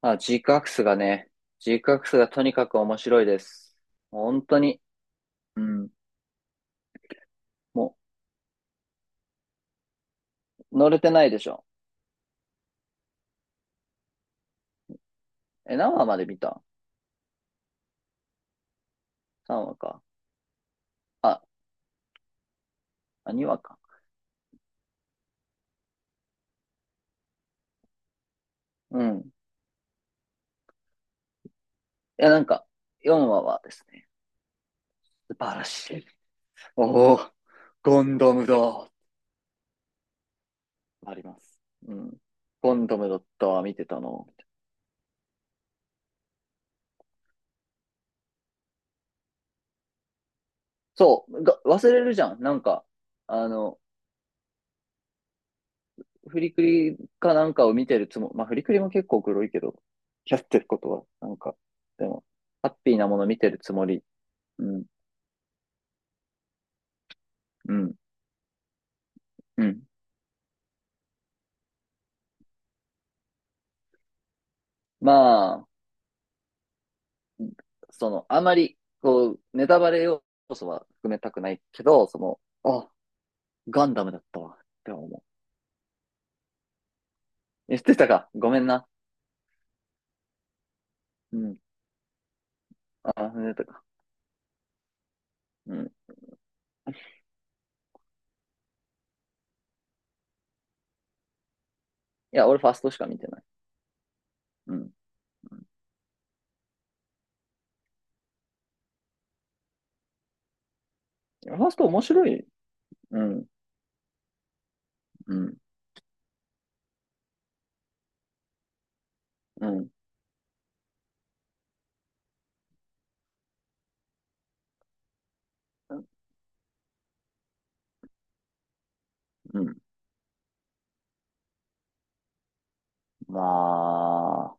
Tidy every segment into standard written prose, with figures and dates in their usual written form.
あ、ジークアクスがとにかく面白いです。本当に。うん。もう、乗れてないでしょ。え、何話まで見た？ 3 話か。あ、2話か。うん。いや、なんか、4話はですね、素晴らしい。おお、ゴンドムだ。あります。うん。ゴンドムだったわ、見てたの。そう、忘れるじゃん。なんか、あの、フリクリかなんかを見てるつもり、まあ、フリクリも結構黒いけど、やってることは、なんか、でも、ハッピーなもの見てるつもり。うん、うん、うん。まあ、その、あまり、こう、ネタバレ要素は含めたくないけど、その、あ、ガンダムだったわ、って思う。言ってたか。ごめんな。うん。あ、言ってたか。うん。いや、俺ファーストしか見てない。うん。うん。ファースト面白い。うん、うん、うん、うん。まあ、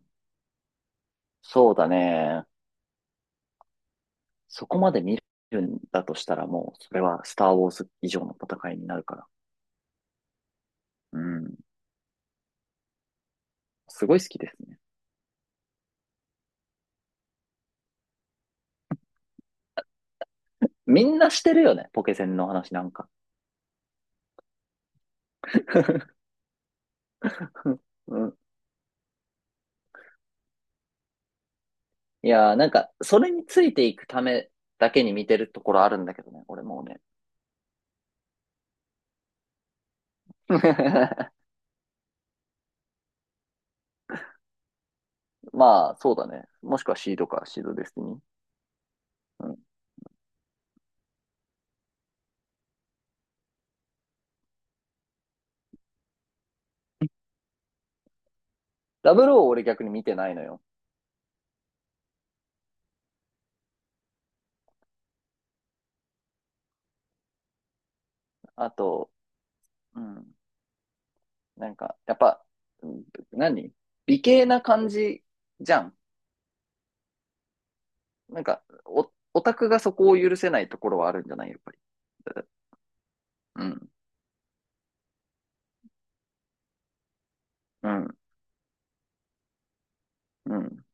そうだね。そこまで見るんだとしたらもう、それはスター・ウォーズ以上の戦いになるから。うん。すごい好きですね。みんなしてるよね、ポケセンの話なんか。うん。いやー、なんか、それについていくためだけに見てるところあるんだけどね、俺もうね。まあ、そうだね。もしくはシードか、シードデスティニー。うん。ダブルを俺逆に見てないのよ。あと、うん。なんか、やっぱ、うん、何、美形な感じじゃん。なんか、オタクがそこを許せないところはあるんじゃないやっぱり。うん、うん、うん。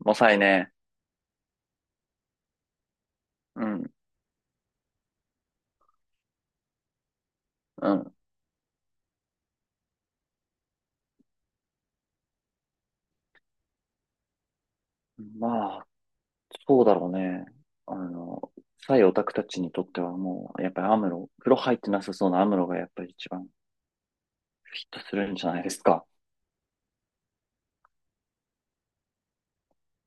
もさいね。うん、うん。まあ、そうだろうね。あの、サイオタクたちにとってはもう、やっぱりアムロ、風呂入ってなさそうなアムロがやっぱり一番ピッとするんじゃないですか。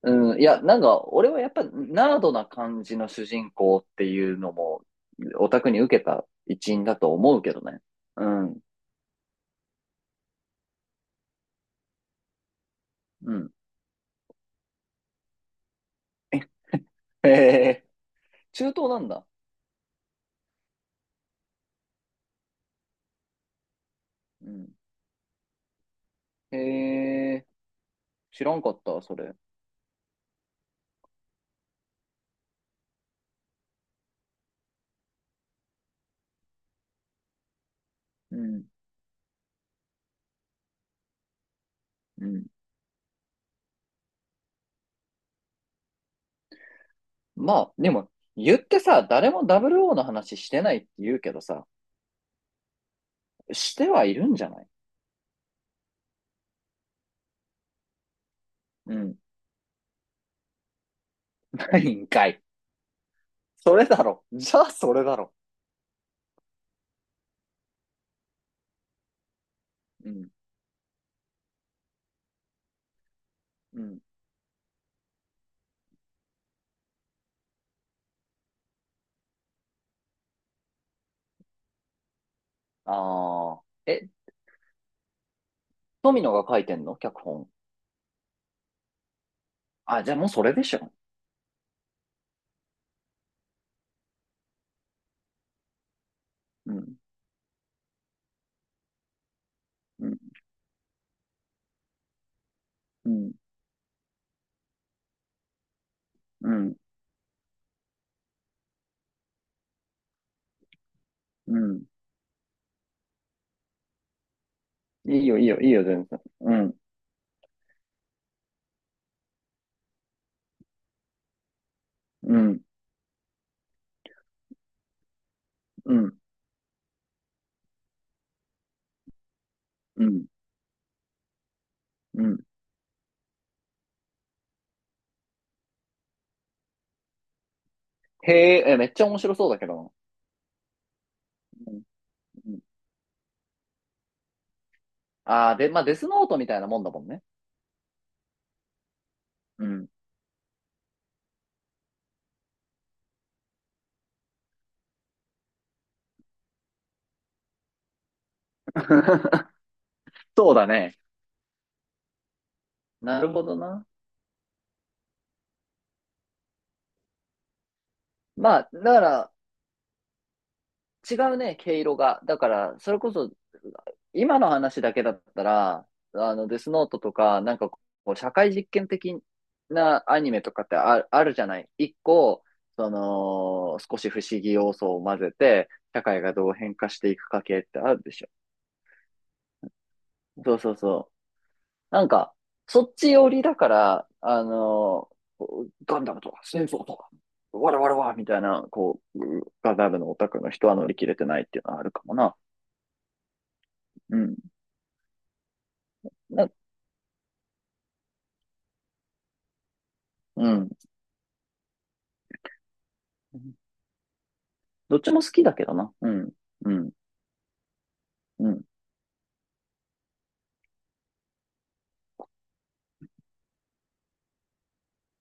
うん、いや、なんか、俺はやっぱナードな感じの主人公っていうのも、オタクに受けた一因だと思うけどね。うん、うん。へえ、中東なんだ。うん。へえ、知らんかった、それ。うん、うん。まあ、でも、言ってさ、誰も 00 の話してないって言うけどさ、してはいるんじゃない？うん。ないんかい。それだろ。じゃあ、それだろ。うん、うん。ああ。え、富野が書いてんの脚本。あ、じゃあもうそれでしょ。うん、うん、うん、うん、うん。いいよ、いいよ、いいよ、全然。うん、うん、うん、うん、うん。へえ、めっちゃ面白そうだけどな。うん。ああ、で、まあ、デスノートみたいなもんだもんね。うん。そうだね。なるほどな。まあ、だから、違うね、毛色が。だから、それこそ、今の話だけだったら、あの、デスノートとか、なんかこう、社会実験的なアニメとかってある、あるじゃない。一個、その、少し不思議要素を混ぜて、社会がどう変化していくか系ってあるでしょ。そうそうそう。なんか、そっち寄りだから、あのガンダムとか、戦争とか、わらわらわみたいな、こう、ガザールのオタクの人は乗り切れてないっていうのはあるかもな。うん。な、うん。どっちも好きだけどな。うん。うん。うん。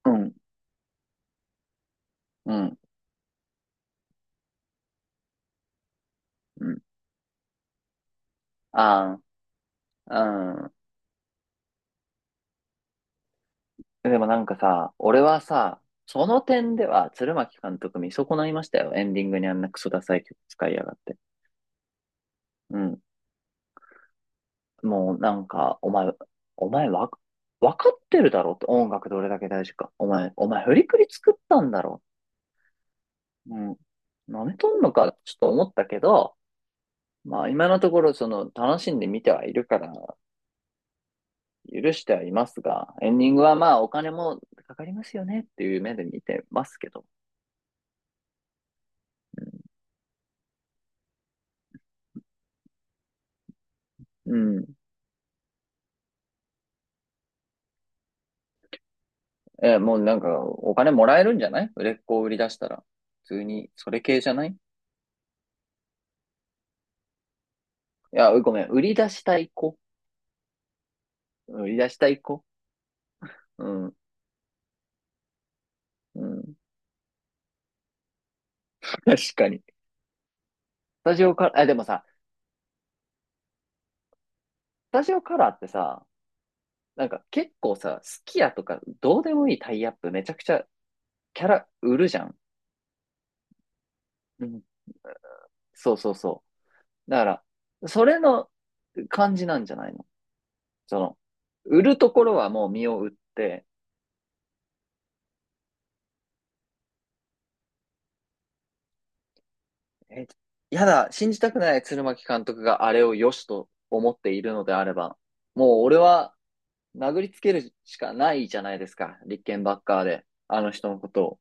うん。うん。うん。ああ、うん。でもなんかさ、俺はさ、その点では鶴巻監督見損ないましたよ。エンディングにあんなクソダサい曲使いやがって。うん。もうなんか、お前わ、わかってるだろって音楽どれだけ大事か。お前振りくり作ったんだろ。うん。舐めとんのか、ちょっと思ったけど、まあ今のところその楽しんで見てはいるから許してはいますが、エンディングはまあお金もかかりますよねっていう目で見てますけど。うん。え、もうなんかお金もらえるんじゃない売れっ子を売り出したら。普通にそれ系じゃない。いや、ごめん。売り出したい子。売り出したい子。うん。うん。確かに。スタジオカラー、あ、でもさ、スタジオカラーってさ、なんか結構さ、スキヤとかどうでもいいタイアップめちゃくちゃキャラ売るじゃん。うん。そうそうそう。だから、それの感じなんじゃないの。その、売るところはもう身を売って、え、やだ、信じたくない鶴巻監督があれを良しと思っているのであれば、もう俺は殴りつけるしかないじゃないですか。立憲バッカーで、あの人のことを。